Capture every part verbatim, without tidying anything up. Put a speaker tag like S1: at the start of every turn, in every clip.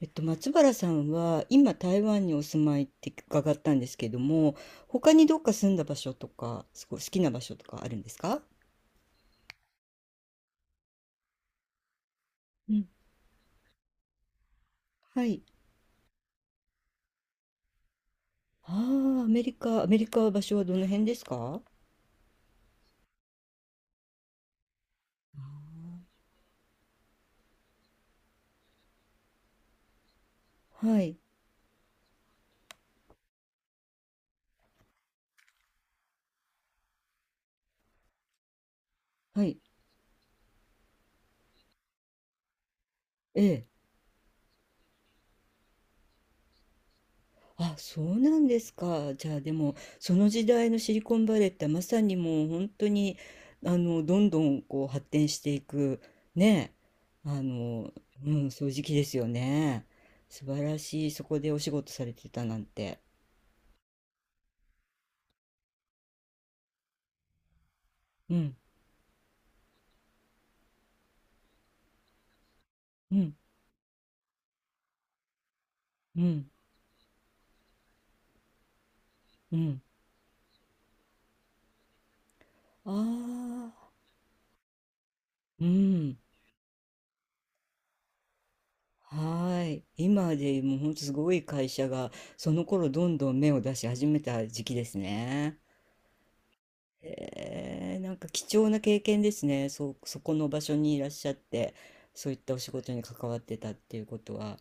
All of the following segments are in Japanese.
S1: えっと、松原さんは今台湾にお住まいって伺ったんですけども、他にどっか住んだ場所とか、すごい好きな場所とかあるんですか？うん、はい。ああ、アメリカ、アメリカは場所はどの辺ですか？はい。はい。ええ。あ、そうなんですか。じゃあでも、その時代のシリコンバレーってまさにもう本当に、あの、どんどんこう発展していく、ね、あの、うん、そういう時期ですよね。素晴らしい、そこでお仕事されてたなんて。うん、うん、うん、うん。ああ、うん。はーい。今でもう本当すごい会社が、その頃どんどん芽を出し始めた時期ですね。へえ、なんか貴重な経験ですね。そう、そこの場所にいらっしゃって、そういったお仕事に関わってたっていうことは。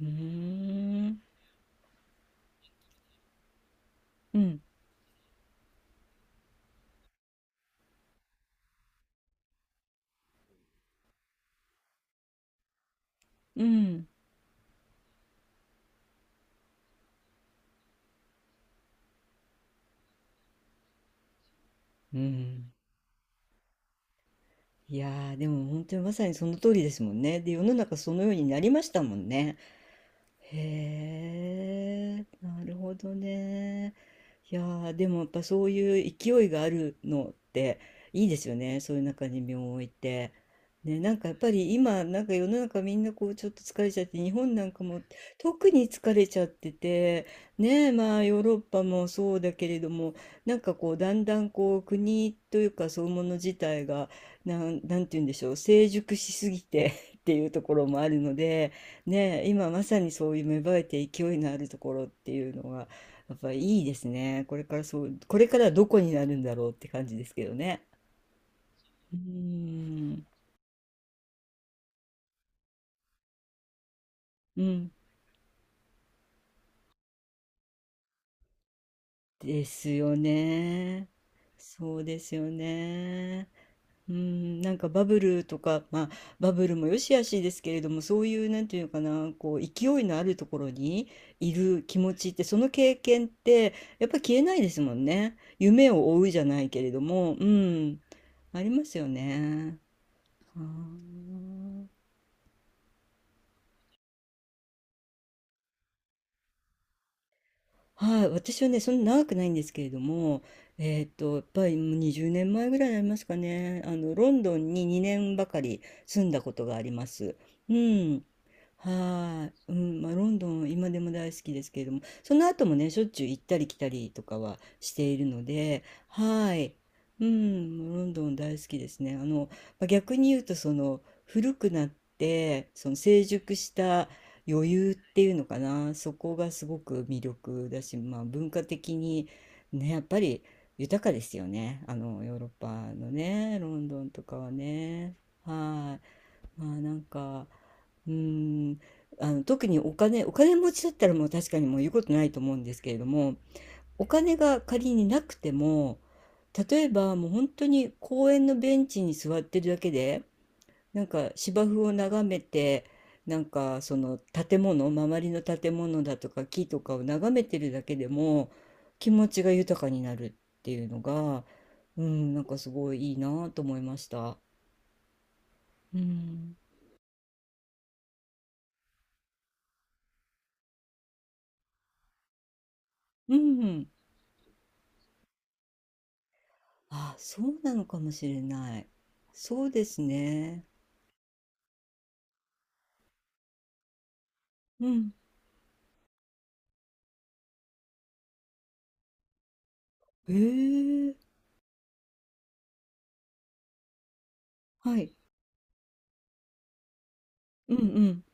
S1: うーん、うん、うん、うん。いやー、でも本当にまさにその通りですもんね。で、世の中そのようになりましたもんね。へえ、なるほどね。いやー、でもやっぱそういう勢いがあるのっていいですよね。そういう中に身を置いて。ね、なんかやっぱり今、なんか世の中みんなこうちょっと疲れちゃって、日本なんかも特に疲れちゃってて、ね、まあヨーロッパもそうだけれども、なんかこうだんだんこう国というかそういうもの自体が、なん、なんて言うんでしょう、成熟しすぎて っていうところもあるので、ねえ、今まさにそういう芽生えて勢いのあるところっていうのがやっぱりいいですね。これからそう、これからどこになるんだろうって感じですけどね。うーん、うん、ですよね。そうですよね。うん、なんかバブルとか、まあ、バブルも良し悪しですけれども、そういう、なんていうのかな、こう、勢いのあるところにいる気持ちって、その経験って、やっぱ消えないですもんね。夢を追うじゃないけれども、うん、ありますよね。はあ。はい、私はね、そんな長くないんですけれども、えーっと、やっぱりもうにじゅうねんまえぐらいになりますかね。あの、ロンドンににねんばかり住んだことがあります。うん。はい。うん。まあ、ロンドン、今でも大好きですけれども、その後もね、しょっちゅう行ったり来たりとかはしているので、はい。うん。もうロンドン大好きですね。あの、まあ逆に言うと、その、古くなって、その成熟した余裕っていうのかな、そこがすごく魅力だし、まあ、文化的にね、やっぱり豊かですよね、あのヨーロッパのね、ロンドンとかはね。はい、まあなんか、うーん、あの特にお金お金持ちだったらもう確かにもう言うことないと思うんですけれども、お金が仮になくても、例えばもう本当に公園のベンチに座ってるだけで、なんか芝生を眺めて、なんかその建物、周りの建物だとか木とかを眺めてるだけでも気持ちが豊かになるっていうのが、うん、なんかすごいいいなと思いました。うん、うん、あ、そうなのかもしれない。そうですね。うん。へえ、はい。うんうん。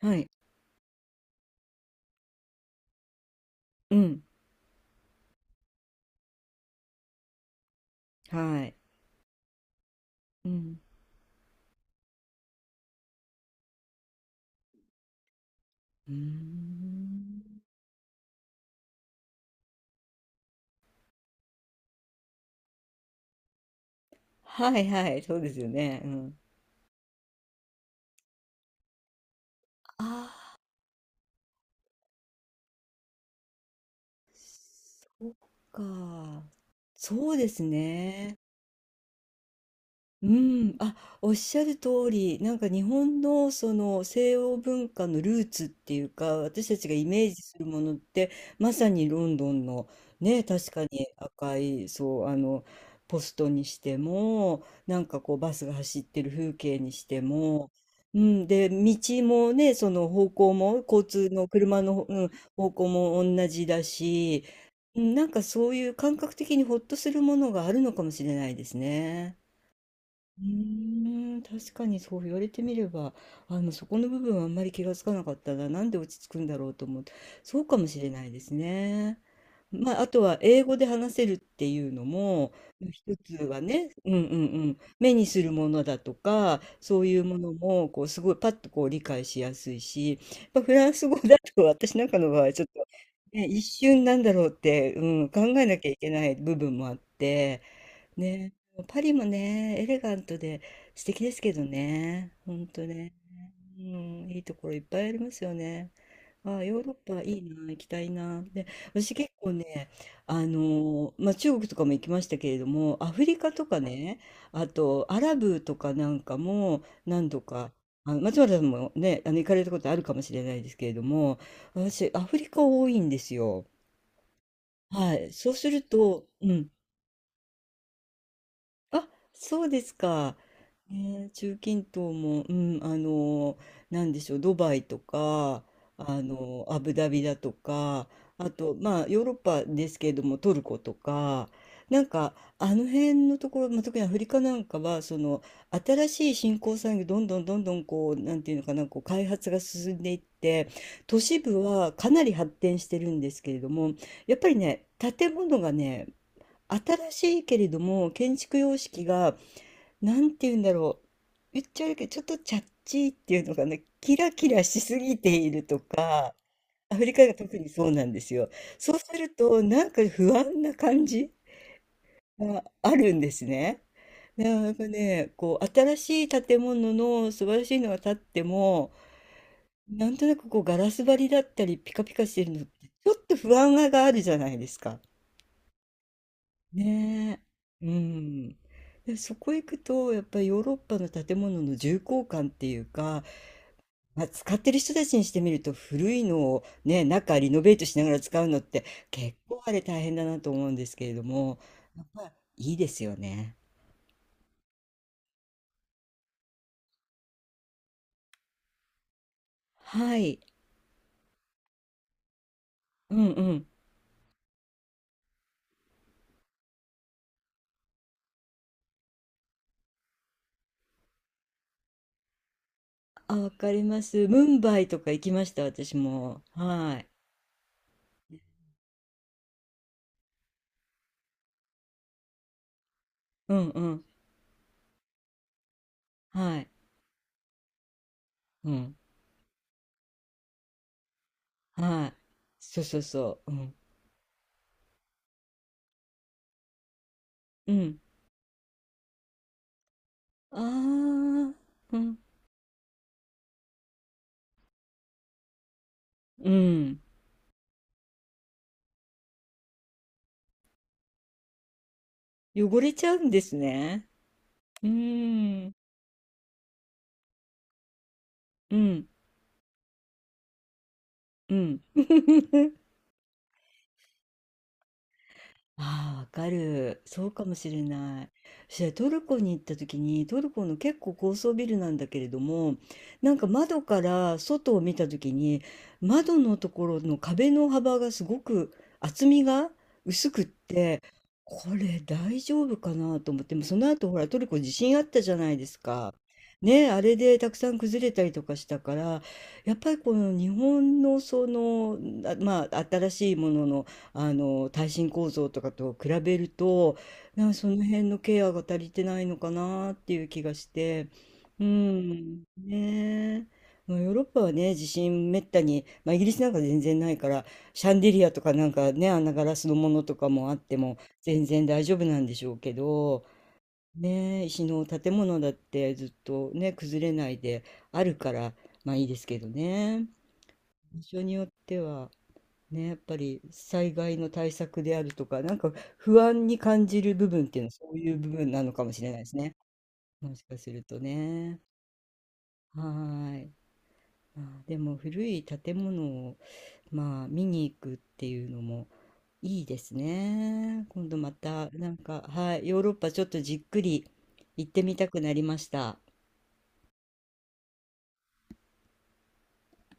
S1: はい。うん。はい。うん。うーん。はいはい。そうですよね。うん。あ、そっか。そうですね。うん、あ、おっしゃる通り、なんか日本のその西欧文化のルーツっていうか、私たちがイメージするものって、まさにロンドンのね、確かに赤い、そう、あの、ポストにしても、なんかこうバスが走ってる風景にしても、うん、で、道もね、その方向も、交通の車の、うん、方向も同じだし、うん、なんかそういう感覚的にほっとするものがあるのかもしれないですね。うーん、確かにそう言われてみれば、あの、そこの部分はあんまり気がつかなかったな。なんで落ち着くんだろうと思って、そうかもしれないですね。まあ、あとは英語で話せるっていうのも、一つはね、うんうんうん、目にするものだとか、そういうものも、こう、すごいパッとこう理解しやすいし、やっぱフランス語だと私なんかの場合、ちょっと、ね、一瞬なんだろうって、うん、考えなきゃいけない部分もあって、ね、パリもね、エレガントで素敵ですけどね、ほんとね、うん、いいところいっぱいありますよね。ああ、ヨーロッパいいな、行きたいな。で、私結構ね、あのーまあ、中国とかも行きましたけれども、アフリカとかね、あとアラブとかなんかも何度か、あの松原さんもね、あの行かれたことあるかもしれないですけれども、私、アフリカ多いんですよ。はい。そうすると、うん。あ、そうですか。ね、中近東も、うん、あの、なんでしょう、ドバイとか、あの、アブダビだとか、あと、まあ、ヨーロッパですけれども、トルコとか、なんか、あの辺のところ、まあ、特にアフリカなんかは、その、新しい新興産業、どんどんどんどん、こう、なんていうのかな、こう、開発が進んでいって、都市部はかなり発展してるんですけれども、やっぱりね、建物がね、新しいけれども、建築様式が、なんて言うんだろう。言っちゃうけど、ちょっとチャッチーっていうのかな。キラキラしすぎているとか、アフリカが特にそうなんですよ。そうすると、なんか不安な感じがあるんですね。なんかね、こう、新しい建物の素晴らしいのが建っても、なんとなくこう、ガラス張りだったり、ピカピカしてるのって、ちょっと不安があるじゃないですか。ねえ、うん。で、そこ行くと、やっぱりヨーロッパの建物の重厚感っていうか、まあ、使ってる人たちにしてみると、古いのをね、中リノベートしながら使うのって、結構あれ大変だなと思うんですけれども、やっぱりいいですよね。はい。うんうん。あ、わかります。ムンバイとか行きました、私も。はい。うんうん。はい。うん。はい。そうそうそう。うん。うん。ああ。うん。うん。汚れちゃうんですね。うーん。うん。うん。ああ、わかる。そうかもしれない。そしてトルコに行った時に、トルコの結構高層ビルなんだけれども、なんか窓から外を見た時に、窓のところの壁の幅がすごく厚みが薄くって、これ大丈夫かなと思って、もうその後ほらトルコ地震あったじゃないですか。ねえ、あれでたくさん崩れたりとかしたから、やっぱりこの日本のその、あ、まあ新しいもののあの耐震構造とかと比べると、なんかその辺のケアが足りてないのかなっていう気がして、うんねえ。まあヨーロッパはね、地震めったに、まあ、イギリスなんか全然ないから、シャンデリアとかなんかね、あんなガラスのものとかもあっても全然大丈夫なんでしょうけど、ねえ、石の建物だってずっとね崩れないであるから、まあいいですけどね、場所によっては。ね、やっぱり災害の対策であるとか、なんか不安に感じる部分っていうのはそういう部分なのかもしれないですね。もしかするとね。はーい。まあ、でも古い建物を、まあ、見に行くっていうのもいいですね。今度また、なんか、はい、ヨーロッパちょっとじっくり行ってみたくなりました。